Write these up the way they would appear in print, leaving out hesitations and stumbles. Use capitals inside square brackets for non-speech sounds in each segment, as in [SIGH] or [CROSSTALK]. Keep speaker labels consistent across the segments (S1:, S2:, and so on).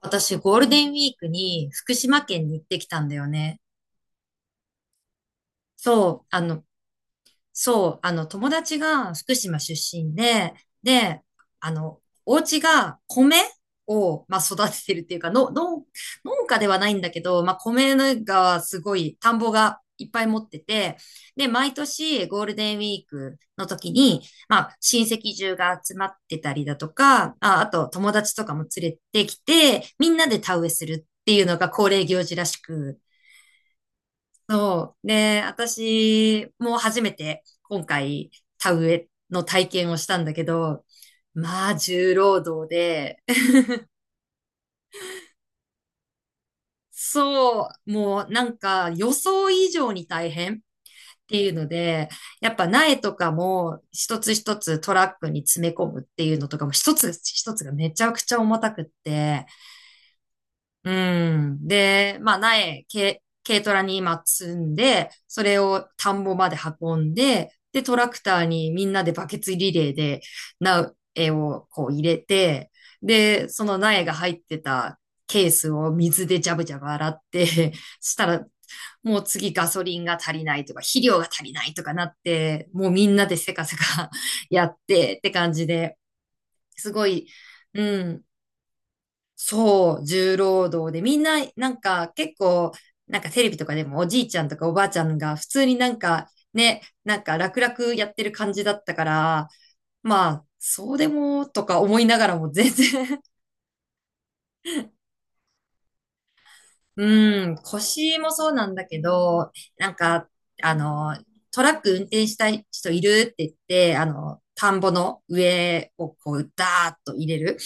S1: 私、ゴールデンウィークに福島県に行ってきたんだよね。そう、あの、そう、友達が福島出身で、あの、お家が米を、まあ、育ててるっていうか、農家ではないんだけど、まあ、米がすごい、田んぼがいっぱい持ってて、で、毎年ゴールデンウィークの時に、まあ、親戚中が集まってたりだとか、あ、あと友達とかも連れてきて、みんなで田植えするっていうのが恒例行事らしく、そう。で、私も初めて今回田植えの体験をしたんだけど、まあ重労働で、[LAUGHS] そう、もうなんか予想以上に大変っていうので、やっぱ苗とかも一つ一つトラックに詰め込むっていうのとかも一つ一つがめちゃくちゃ重たくって、うん。で、まあ、軽トラに今積んで、それを田んぼまで運んで、で、トラクターにみんなでバケツリレーで苗をこう入れて、で、その苗が入ってたケースを水でジャブジャブ洗って、[LAUGHS] したら、もう次ガソリンが足りないとか、肥料が足りないとかなって、もうみんなでせかせか [LAUGHS] やってって感じで、すごい、うん。そう、重労働で、みんな、なんか結構、なんかテレビとかでもおじいちゃんとかおばあちゃんが普通になんかね、なんか楽々やってる感じだったから、まあ、そうでもとか思いながらも全然。うん、腰もそうなんだけど、なんか、あの、トラック運転したい人いるって言って、田んぼの上をこう、ダーッと入れる。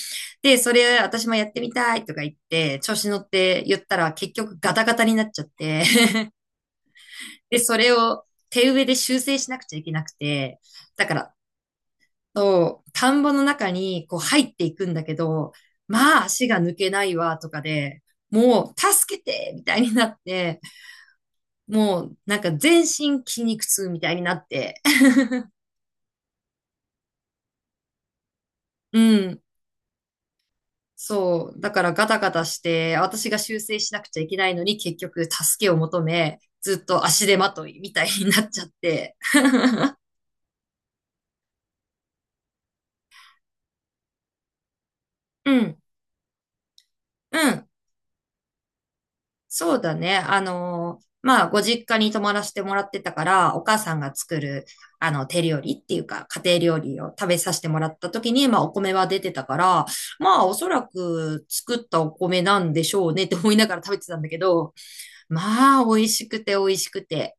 S1: で、それ私もやってみたいとか言って、調子乗って言ったら結局ガタガタになっちゃって、[LAUGHS] で、それを手植えで修正しなくちゃいけなくて、だから、そう、田んぼの中にこう入っていくんだけど、まあ足が抜けないわとかで、もう助けてみたいになって、もう、なんか全身筋肉痛みたいになって。[LAUGHS] うん。そう。だからガタガタして、私が修正しなくちゃいけないのに結局助けを求め、ずっと足手まといみたいになっちゃって。うん。うん。そうだね。まあ、ご実家に泊まらせてもらってたから、お母さんが作る、手料理っていうか、家庭料理を食べさせてもらった時に、まあ、お米は出てたから、まあ、おそらく作ったお米なんでしょうねって思いながら食べてたんだけど、まあ、美味しくて美味しくて、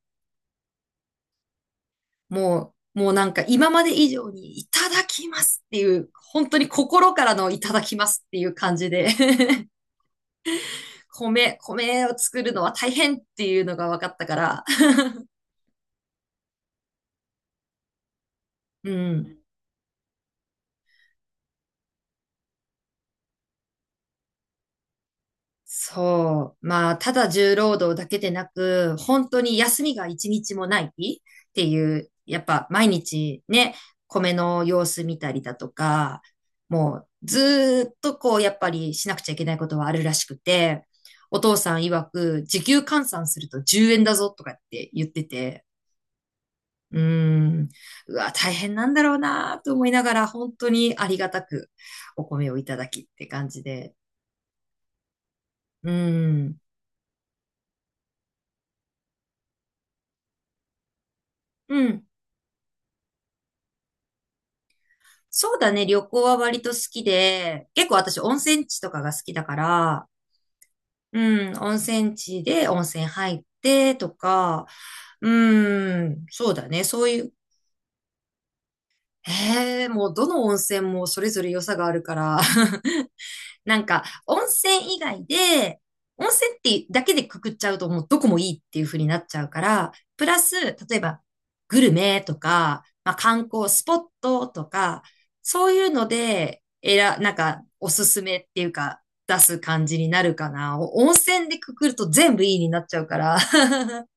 S1: もう、もうなんか今まで以上にいただきますっていう、本当に心からのいただきますっていう感じで、 [LAUGHS] 米を作るのは大変っていうのが分かったから、うん。そう。まあ、ただ重労働だけでなく、本当に休みが一日もないっていう、やっぱ毎日ね、米の様子見たりだとか、もうずーっとこう、やっぱりしなくちゃいけないことはあるらしくて、お父さん曰く、時給換算すると10円だぞとかって言ってて、うーん、うわ、大変なんだろうなと思いながら、本当にありがたくお米をいただきって感じで、うーん、うん。そうだね、旅行は割と好きで、結構私温泉地とかが好きだから、うん、温泉地で温泉入ってとか、うん、そうだね、そういう、ええ、もうどの温泉もそれぞれ良さがあるから、[LAUGHS] なんか、温泉以外で、温泉ってだけでくくっちゃうともうどこもいいっていう風になっちゃうから、プラス、例えば、グルメとか、まあ、観光スポットとか、そういうので、なんか、おすすめっていうか、出す感じになるかな。お温泉でくくると全部いいになっちゃうから。[LAUGHS]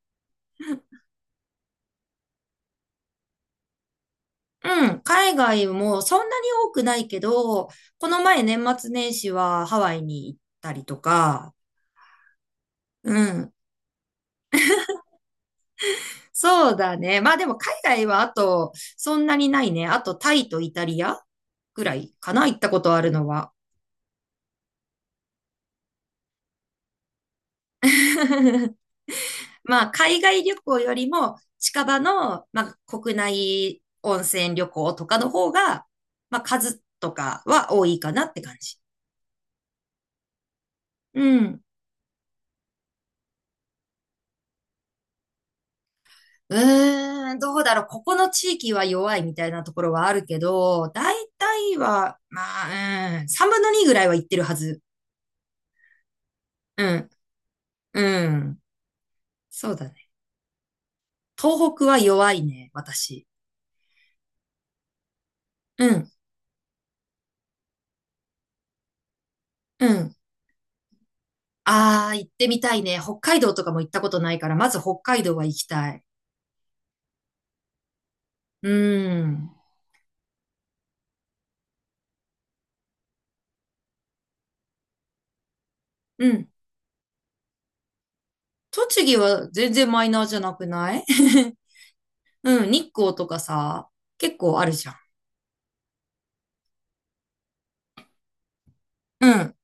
S1: うん、海外もそんなに多くないけど、この前年末年始はハワイに行ったりとか、うん。そうだね。まあでも海外はあと、そんなにないね。あとタイとイタリアぐらいかな、行ったことあるのは。[LAUGHS] まあ海外旅行よりも近場の、まあ、国内温泉旅行とかの方が、まあ数とかは多いかなって感じ。うん。うーん、どうだろう。ここの地域は弱いみたいなところはあるけど、大体は、まあ、うん、3分の2ぐらいは行ってるはず。うん、うん。そうだね。東北は弱いね、私。うん、うん。あー、行ってみたいね。北海道とかも行ったことないから、まず北海道は行きたい。うん。うん。栃木は全然マイナーじゃなくない？ [LAUGHS] うん、日光とかさ、結構あるじゃん。うん。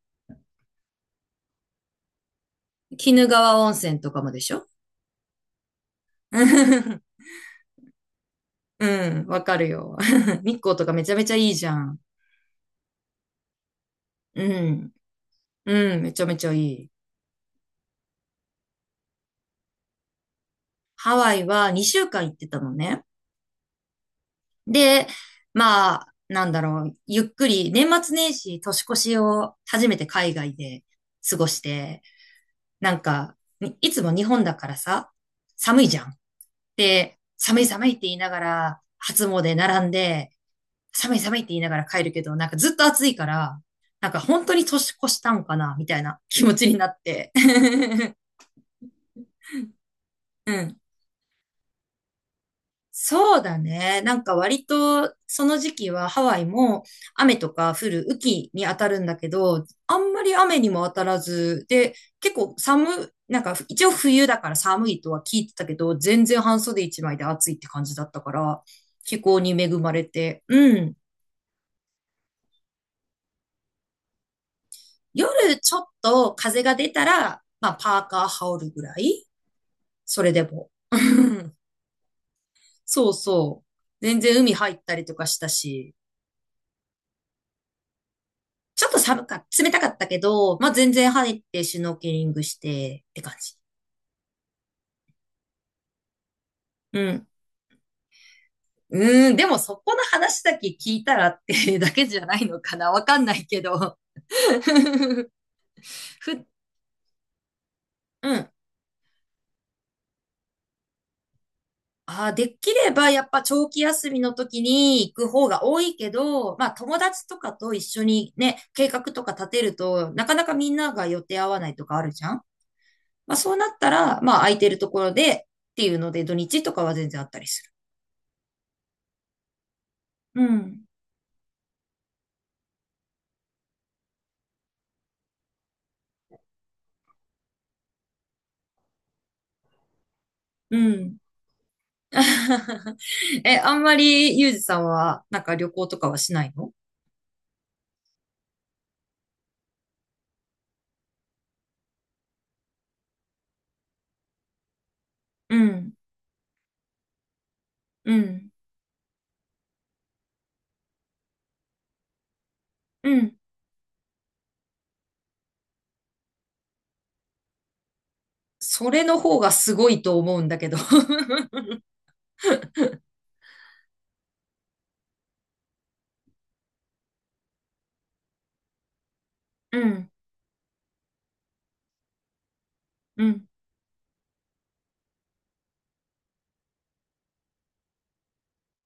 S1: 鬼怒川温泉とかもでしょ？ [LAUGHS] うん、わかるよ。[LAUGHS] 日光とかめちゃめちゃいいじゃん。うん。うん、めちゃめちゃいい。ハワイは2週間行ってたのね。で、まあ、なんだろう、ゆっくり、年末年始、年越しを初めて海外で過ごして、なんか、にいつも日本だからさ、寒いじゃん。で、寒い寒いって言いながら、初詣並んで、寒い寒いって言いながら帰るけど、なんかずっと暑いから、なんか本当に年越したんかな、みたいな気持ちになって。[LAUGHS] うん。そうだね。なんか割とその時期はハワイも雨とか降る雨季に当たるんだけど、あんまり雨にも当たらず、で、結構寒、なんか一応冬だから寒いとは聞いてたけど、全然半袖一枚で暑いって感じだったから、気候に恵まれて、うん。夜ちょっと風が出たら、まあパーカー羽織るぐらいそれでも。[LAUGHS] そうそう。全然海入ったりとかしたし。ちょっと寒か、冷たかったけど、まあ、全然入ってシュノーケリングしてって感じ。うん。うーん、でもそこの話だけ聞いたらってだけじゃないのかなわかんないけど。[LAUGHS] ふ、うん。あー、できればやっぱ長期休みの時に行く方が多いけど、まあ友達とかと一緒にね、計画とか立てると、なかなかみんなが予定合わないとかあるじゃん。まあそうなったら、まあ空いてるところでっていうので土日とかは全然あったりする。うん。うん。[LAUGHS] え、あんまりユージさんはなんか旅行とかはしないの？うん、うん、うん、それの方がすごいと思うんだけど。 [LAUGHS] うん、うん、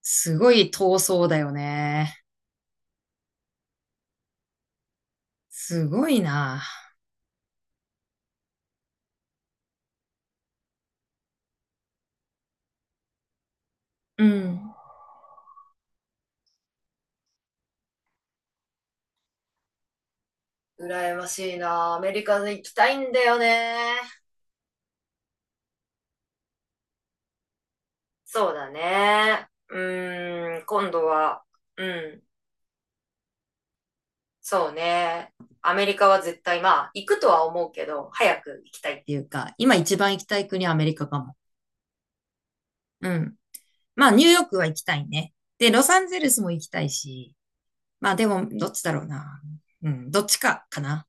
S1: すごい遠そうだよね。すごいな。うん。羨ましいな。アメリカに行きたいんだよね。そうだね。うーん、今度は、うん。そうね。アメリカは絶対、まあ、行くとは思うけど、早く行きたい。っていうか、今一番行きたい国はアメリカかも。うん。まあ、ニューヨークは行きたいね。で、ロサンゼルスも行きたいし。まあ、でも、どっちだろうな。うん、どっちか、かな。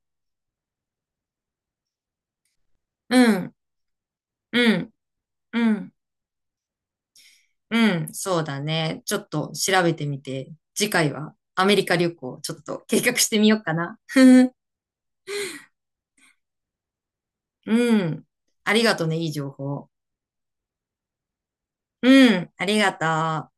S1: うん、うん、うん、うん、そうだね。ちょっと調べてみて、次回はアメリカ旅行、ちょっと計画してみようかな。[LAUGHS] うん、ありがとね、いい情報。うん、ありがとう。